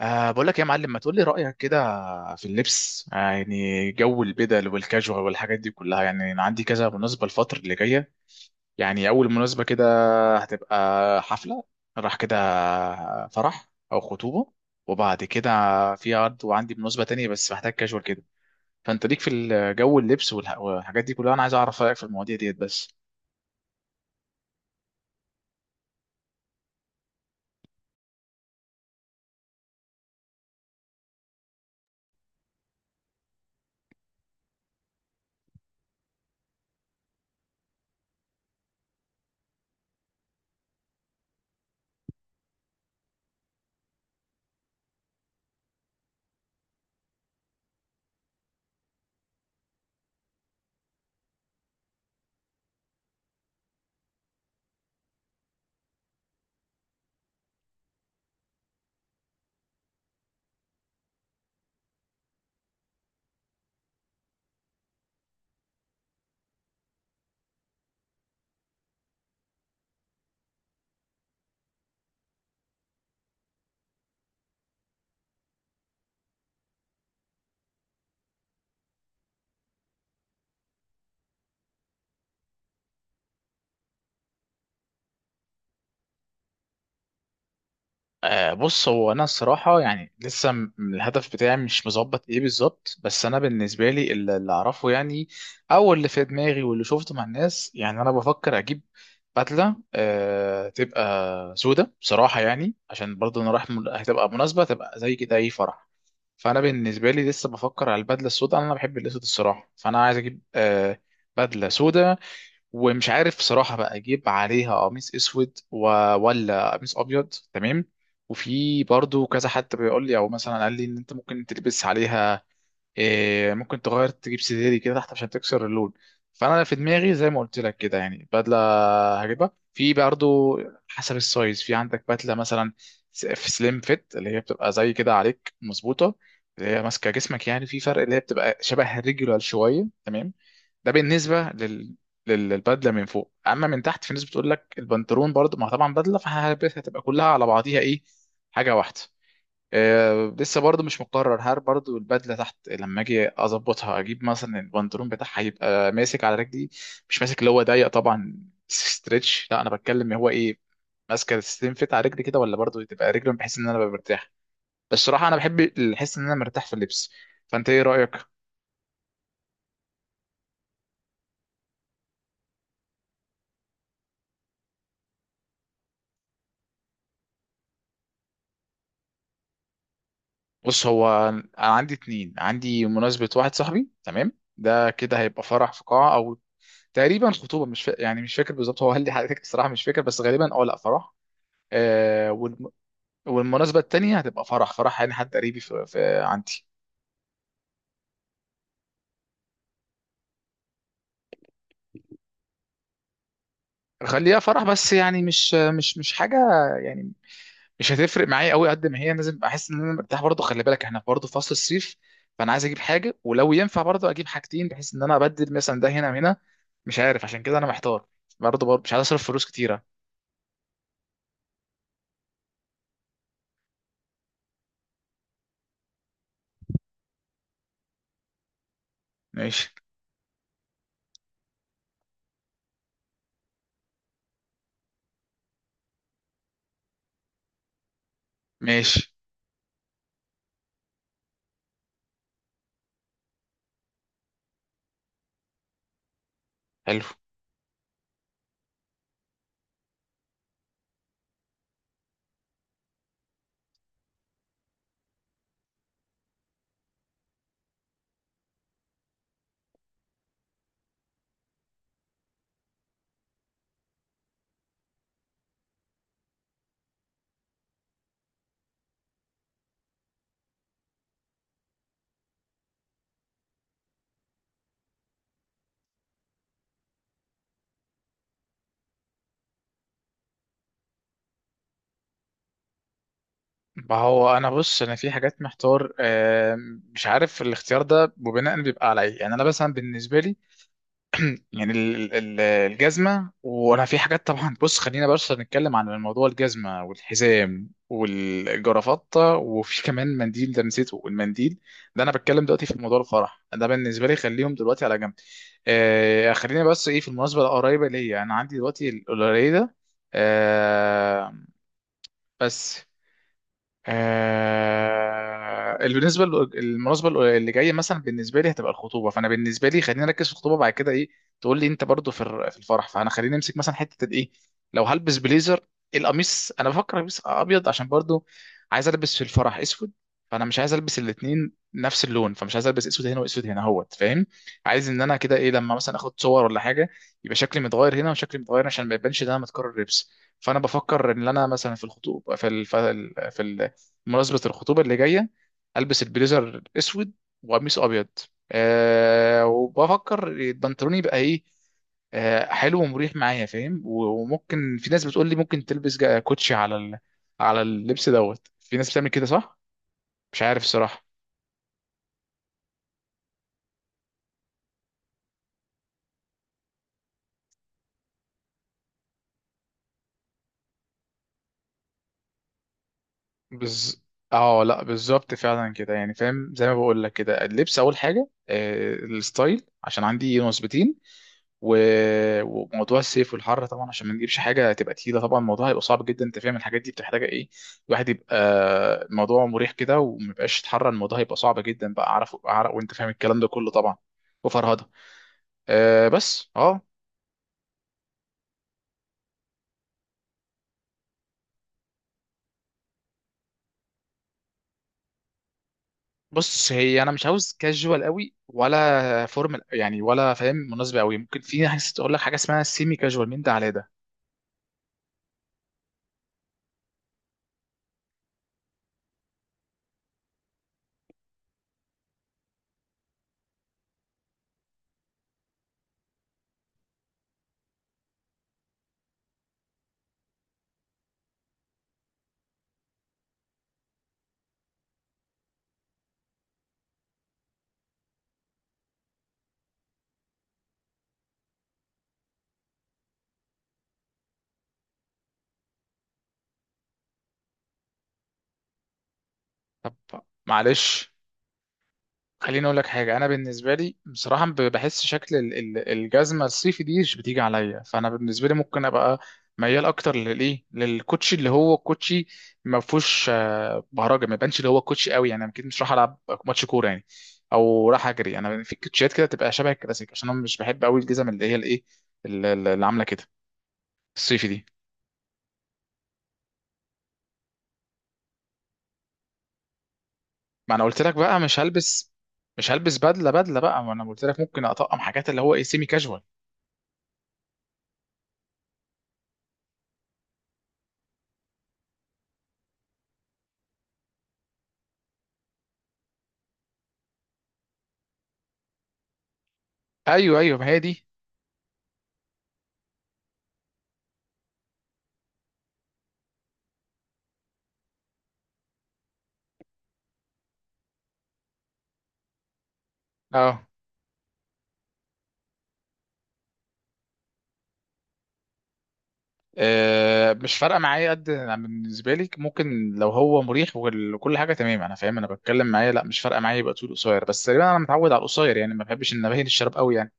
بقول لك يا معلم، ما تقول لي رأيك كده في اللبس؟ يعني جو البدل والكاجوال والحاجات دي كلها. يعني انا عندي كذا مناسبة الفترة اللي جاية. يعني اول مناسبة كده هتبقى حفلة، راح كده فرح او خطوبة، وبعد كده في عرض، وعندي مناسبة تانية بس محتاج كاجوال كده. فانت ليك في الجو اللبس والحاجات دي كلها، انا عايز اعرف رأيك في المواضيع ديت بس. بص، هو انا الصراحه يعني لسه الهدف بتاعي مش مظبط ايه بالظبط. بس انا بالنسبه لي اللي اعرفه، يعني او اللي في دماغي واللي شفته مع الناس، يعني انا بفكر اجيب بدله تبقى سودة بصراحه، يعني عشان برضه انا رايح هتبقى مناسبه تبقى زي كده اي فرح. فانا بالنسبه لي لسه بفكر على البدله السوداء، انا بحب الاسود الصراحه. فانا عايز اجيب بدله سودة، ومش عارف صراحة بقى اجيب عليها قميص اسود ولا قميص ابيض، تمام. وفي برضو كذا حد بيقول لي او مثلا قال لي ان انت ممكن تلبس عليها ممكن تغير تجيب سديري كده تحت عشان تكسر اللون. فانا في دماغي زي ما قلت لك كده، يعني بدله هجيبها في برضه حسب السايز. في عندك بدله مثلا في سليم فيت، اللي هي بتبقى زي كده عليك مظبوطه، اللي هي ماسكه جسمك، يعني في فرق اللي هي بتبقى شبه الريجولار شويه، تمام. ده بالنسبه للبدله من فوق. اما من تحت، في ناس بتقول لك البنطلون برضه، ما هو طبعا بدله فهتبقى كلها على بعضيها ايه، حاجه واحده. لسه برضه مش مقرر هل برضه البدله تحت لما اجي اظبطها اجيب مثلا البنطلون بتاعها هيبقى ماسك على رجلي، مش ماسك اللي هو ضيق طبعا ستريتش، لا انا بتكلم هو ايه، ماسكه تنفت على رجلي كده، ولا برضه تبقى رجلي بحيث ان انا ببقى مرتاح. بس الصراحه انا بحب الحس ان انا مرتاح في اللبس. فانت ايه رايك؟ بص هو انا عندي اتنين، عندي مناسبه واحد صاحبي تمام. ده كده هيبقى فرح في قاعه، او تقريبا خطوبه، مش يعني مش فاكر بالظبط، هو قال لي حضرتك الصراحه مش فاكر، بس غالبا اه لا فرح. آه. والمناسبة التانية هتبقى فرح، فرح يعني حد قريبي في عندي. خليها فرح، بس يعني مش حاجة يعني، مش هتفرق معايا قوي قد ما هي، لازم احس ان انا مرتاح برضه. خلي بالك احنا برضه في فصل الصيف، فانا عايز اجيب حاجة، ولو ينفع برضه اجيب حاجتين بحيث ان انا ابدل مثلا ده هنا وهنا. مش عارف، عشان كده انا محتار. برضه مش عايز اصرف فلوس كتيرة. ماشي. ماشي. حلو. ما هو انا بص، انا في حاجات محتار، مش عارف الاختيار ده وبناء بيبقى على ايه، يعني انا مثلا بالنسبة لي، يعني الجزمة. وأنا في حاجات طبعا، بص خلينا بس نتكلم عن الموضوع، الجزمة والحزام والجرافطة، وفي كمان منديل ده نسيته المنديل ده. أنا بتكلم دلوقتي في موضوع الفرح، ده بالنسبة لي خليهم دلوقتي على جنب. خلينا بس إيه في المناسبة القريبة ليا، أنا عندي دلوقتي القليلة، آه بس. بالنسبه المناسبه اللي جايه مثلا، بالنسبه لي هتبقى الخطوبه. فانا بالنسبه لي خلينا نركز في الخطوبه. بعد كده ايه تقول لي انت برضو في الفرح. فانا خلينا نمسك مثلا حته الايه، لو هلبس بليزر، القميص انا بفكر البس ابيض، عشان برضو عايز البس في الفرح اسود. فانا مش عايز البس الاثنين نفس اللون، فمش عايز البس اسود هنا واسود هنا اهوت فاهم. عايز ان انا كده ايه لما مثلا اخد صور ولا حاجه، يبقى شكلي متغير هنا وشكلي متغير هنا عشان ما يبانش ان انا متكرر لبس. فانا بفكر ان انا مثلا في الخطوبه بمناسبة الخطوبة اللي جاية، ألبس البليزر أسود وقميص أبيض. وبفكر البنطلون يبقى إيه، حلو ومريح معايا فاهم. وممكن في ناس بتقول لي ممكن تلبس كوتشي على اللبس دوت، في ناس بتعمل كده صح؟ مش عارف الصراحة. بز، اه لا بالظبط فعلا كده يعني فاهم زي ما بقول لك كده. اللبس أول حاجة، الستايل عشان عندي نسبتين، وموضوع السيف والحر طبعا عشان ما نجيبش حاجه تبقى تقيله، طبعا الموضوع هيبقى صعب جدا انت فاهم. الحاجات دي بتحتاج ايه، الواحد يبقى الموضوع مريح كده وما يبقاش يتحرى، الموضوع هيبقى صعب جدا بقى اعرف اعرف وانت فاهم الكلام ده كله طبعا وفرهده. بس بص، هي انا مش عاوز كاجوال قوي ولا فورمال يعني، ولا فاهم مناسبه قوي، ممكن في ناس تقول لك حاجه اسمها سيمي كاجوال من ده على ده. طب معلش، خليني اقول لك حاجه، انا بالنسبه لي بصراحه بحس شكل الجزمه الصيفي دي مش بتيجي عليا. فانا بالنسبه لي ممكن ابقى ميال اكتر للايه للكوتشي اللي هو كوتشي ما فيهوش بهرجه، ما يبانش اللي هو كوتشي قوي يعني، انا اكيد مش راح العب ماتش كوره يعني، او راح اجري. انا في كوتشيات كده تبقى شبه الكلاسيك عشان انا مش بحب قوي الجزم اللي هي الايه اللي عامله كده الصيفي دي. ما انا قلت لك بقى مش هلبس. مش هلبس بدله بقى، ما انا قلت لك ممكن اطقم حاجات اللي هو ايه سيمي كاجوال. ايوه، ايوه، ما هي دي. اه مش فارقه معايا قد أنا، بالنسبه لي ممكن لو هو مريح وكل حاجه تمام، انا فاهم، انا بتكلم معايا لا مش فارقه معايا، يبقى طول قصير بس تقريبا انا متعود على القصير يعني، ما بحبش ان ابهن الشراب قوي يعني.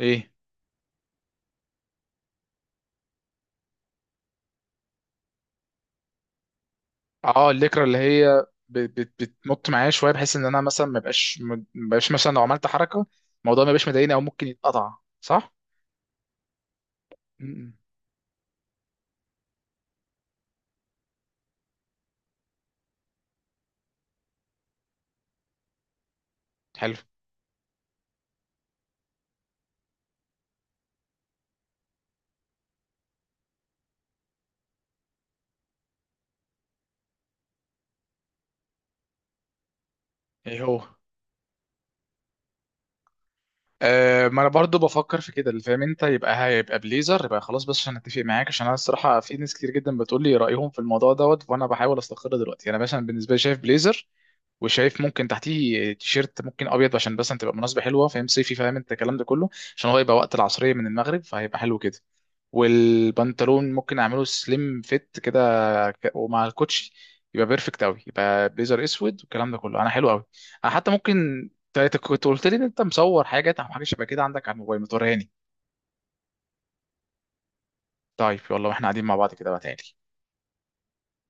ايه، اه الليكرا اللي هي بتنط معايا شويه بحيث ان انا مثلا ما بقاش مثلا لو عملت حركه الموضوع ما بقاش مضايقني، او ممكن يتقطع، صح؟ م- م. حلو. ايه هو؟ ما انا برضو بفكر في كده اللي فاهم انت، يبقى هيبقى بليزر يبقى خلاص، بس عشان اتفق معاك عشان انا الصراحه في ناس كتير جدا بتقول لي رايهم في الموضوع دوت وانا بحاول استقر دلوقتي. انا مثلا بالنسبه لي شايف بليزر، وشايف ممكن تحتيه تيشيرت ممكن ابيض عشان بس تبقى مناسبه حلوه فاهم، صيفي، فاهم انت الكلام ده كله، عشان هو يبقى وقت العصريه من المغرب فهيبقى حلو كده. والبنطلون ممكن اعمله سليم فيت كده ومع الكوتشي يبقى بيرفكت قوي، يبقى بيزر اسود والكلام ده كله، انا حلو قوي. انا حتى ممكن كنت قلت لي ان انت مصور حاجه او حاجه شبه كده عندك على الموبايل، ما توريهاني. طيب يلا، واحنا قاعدين مع بعض كده بقى تاني.